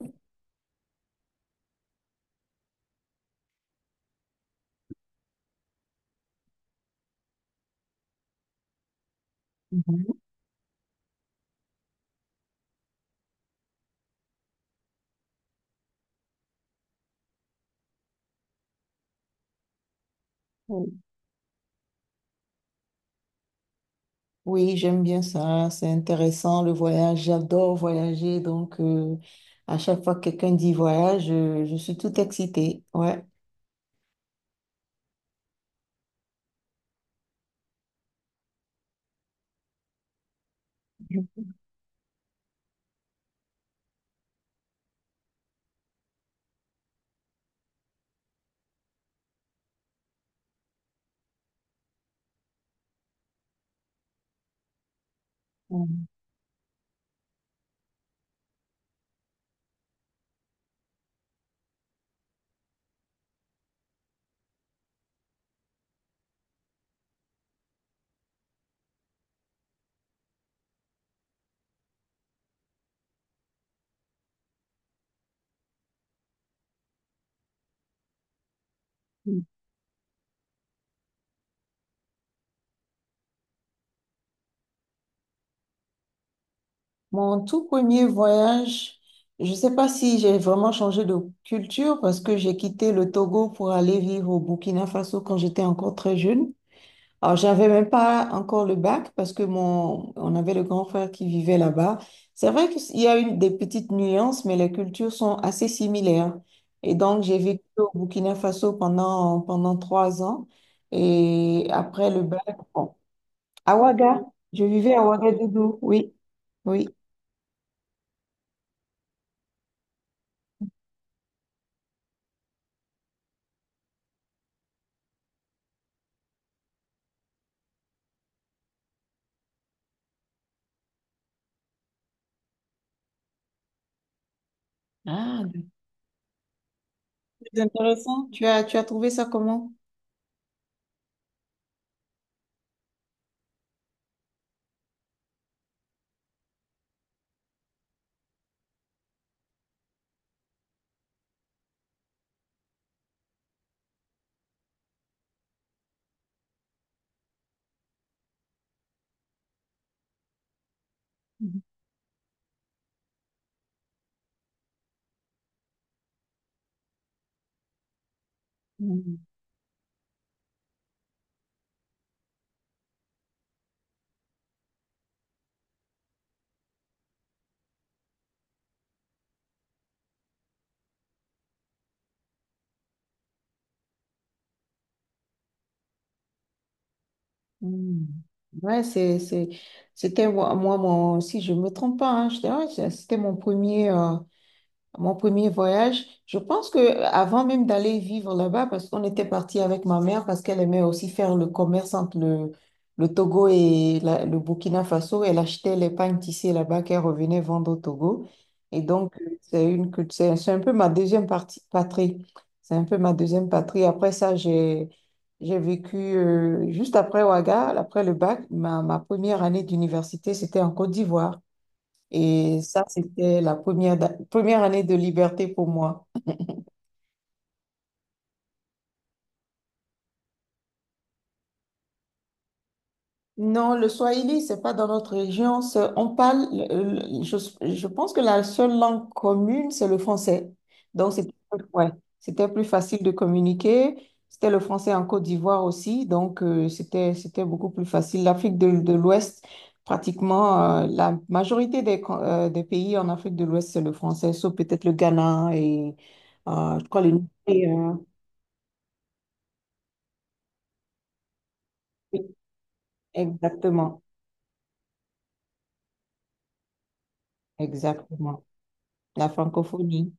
Mhm. Oui, Oui, j'aime bien ça, c'est intéressant le voyage, j'adore voyager, donc à chaque fois que quelqu'un dit voyage, je suis tout excitée, ouais. Mhm. Mon tout premier voyage, je ne sais pas si j'ai vraiment changé de culture parce que j'ai quitté le Togo pour aller vivre au Burkina Faso quand j'étais encore très jeune. Alors, j'avais même pas encore le bac parce que mon, on avait le grand frère qui vivait là-bas. C'est vrai qu'il y a des petites nuances, mais les cultures sont assez similaires. Et donc, j'ai vécu au Burkina Faso pendant trois ans. Et après le bac, bon, à Ouaga, je vivais à Ouagadougou, oui, oui. Ah, c'est intéressant. Tu as trouvé ça comment? Mm, mm. Ouais, c'est, c'était moi, si je me trompe pas, hein, je dirais, c'était mon premier. Mon premier voyage, je pense que avant même d'aller vivre là-bas, parce qu'on était parti avec ma mère, parce qu'elle aimait aussi faire le commerce entre le Togo et le Burkina Faso, elle achetait les pagnes tissées là-bas qu'elle revenait vendre au Togo. Et donc, c'est c'est un peu ma deuxième partie, patrie. C'est un peu ma deuxième patrie. Après ça, j'ai vécu juste après Ouaga, après le bac, ma première année d'université, c'était en Côte d'Ivoire. Et ça, c'était la première, première année de liberté pour moi. Non, le swahili, c'est pas dans notre région. On parle, je pense que la seule langue commune, c'est le français. Donc, c'était ouais, c'était plus facile de communiquer. C'était le français en Côte d'Ivoire aussi. Donc, c'était beaucoup plus facile. L'Afrique de l'Ouest, pratiquement, la majorité des pays en Afrique de l'Ouest, c'est le français, sauf peut-être le Ghana et, je crois, les Nigériens. Exactement, exactement. La francophonie.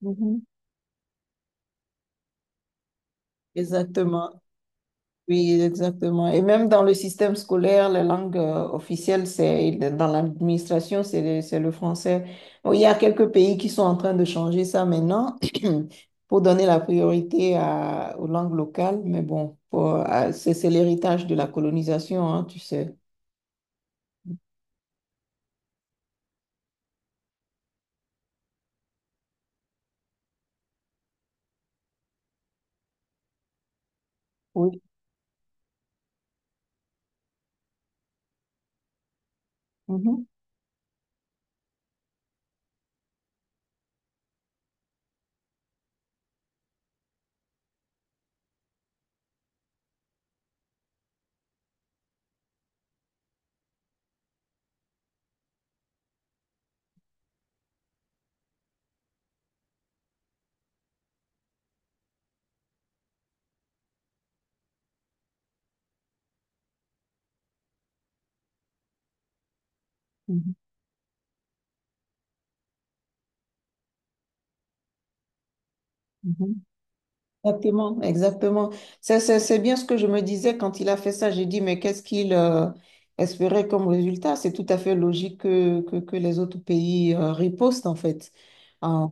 Mhm. Exactement, oui, exactement. Et même dans le système scolaire, la langue officielle, c'est dans l'administration, c'est le français. Bon, il y a quelques pays qui sont en train de changer ça maintenant pour donner la priorité aux langues locales. Mais bon, c'est l'héritage de la colonisation, hein, tu sais. Oui. Mhm. Mhm. Mhm. Exactement, exactement. C'est bien ce que je me disais quand il a fait ça. J'ai dit, mais qu'est-ce qu'il espérait comme résultat? C'est tout à fait logique que les autres pays ripostent, en fait. Ah,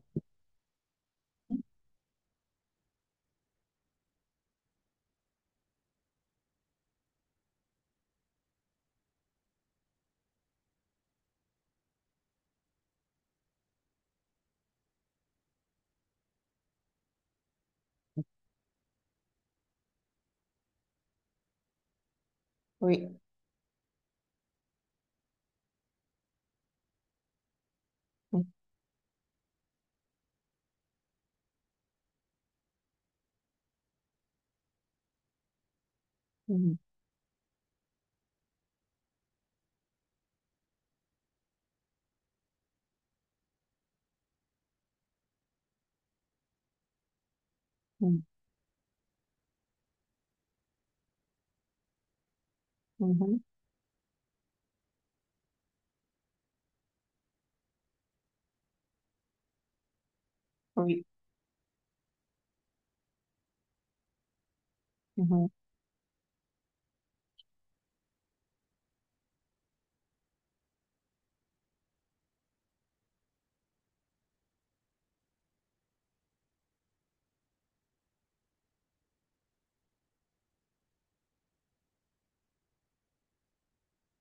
oui. Mhm, mhm, mhm, oui. Mhm.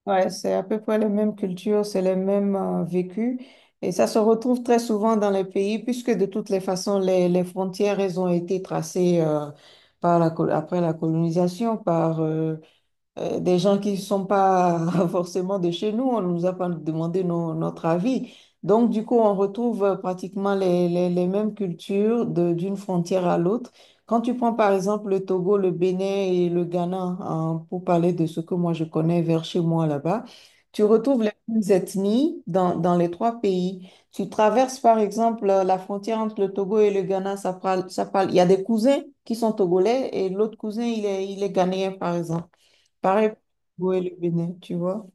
Ouais, c'est à peu près les mêmes cultures, c'est les mêmes vécus. Et ça se retrouve très souvent dans les pays, puisque de toutes les façons, les frontières, elles ont été tracées par après la colonisation, des gens qui ne sont pas forcément de chez nous, on ne nous a pas demandé notre avis. Donc, du coup, on retrouve pratiquement les mêmes cultures d'une frontière à l'autre. Quand tu prends par exemple le Togo, le Bénin et le Ghana, hein, pour parler de ce que moi je connais vers chez moi là-bas, tu retrouves les mêmes ethnies dans les trois pays. Tu traverses par exemple la frontière entre le Togo et le Ghana, ça parle, ça parle. Il y a des cousins qui sont togolais et l'autre cousin, il est ghanéen par exemple. Pareil pour le Togo et le Bénin, tu vois?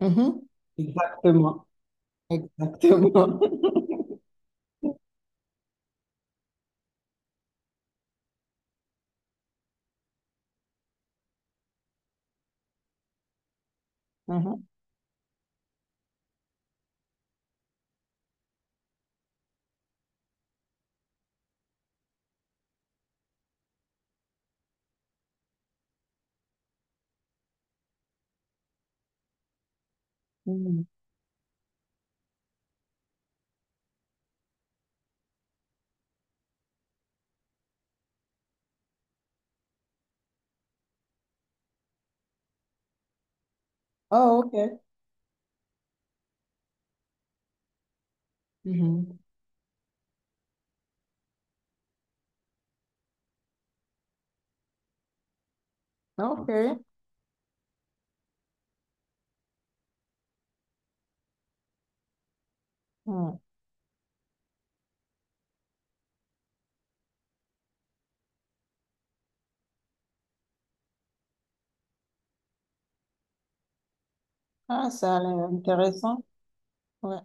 Mhm. Exactement. Exactement. Mhm. Mhm. Oh, ok. Mhm. Ok. Mhm. Ah, ça a l'air intéressant. Ouais.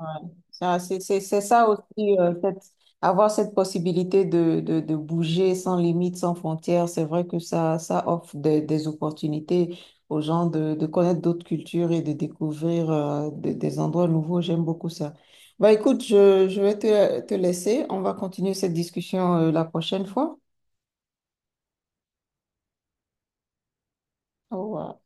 Ouais. Ça, c'est ça aussi, avoir cette possibilité de bouger sans limite, sans frontières, c'est vrai que ça offre des opportunités aux gens de connaître d'autres cultures et de découvrir des endroits nouveaux. J'aime beaucoup ça. Bah, écoute, je vais te laisser. On va continuer cette discussion la prochaine fois. Au revoir.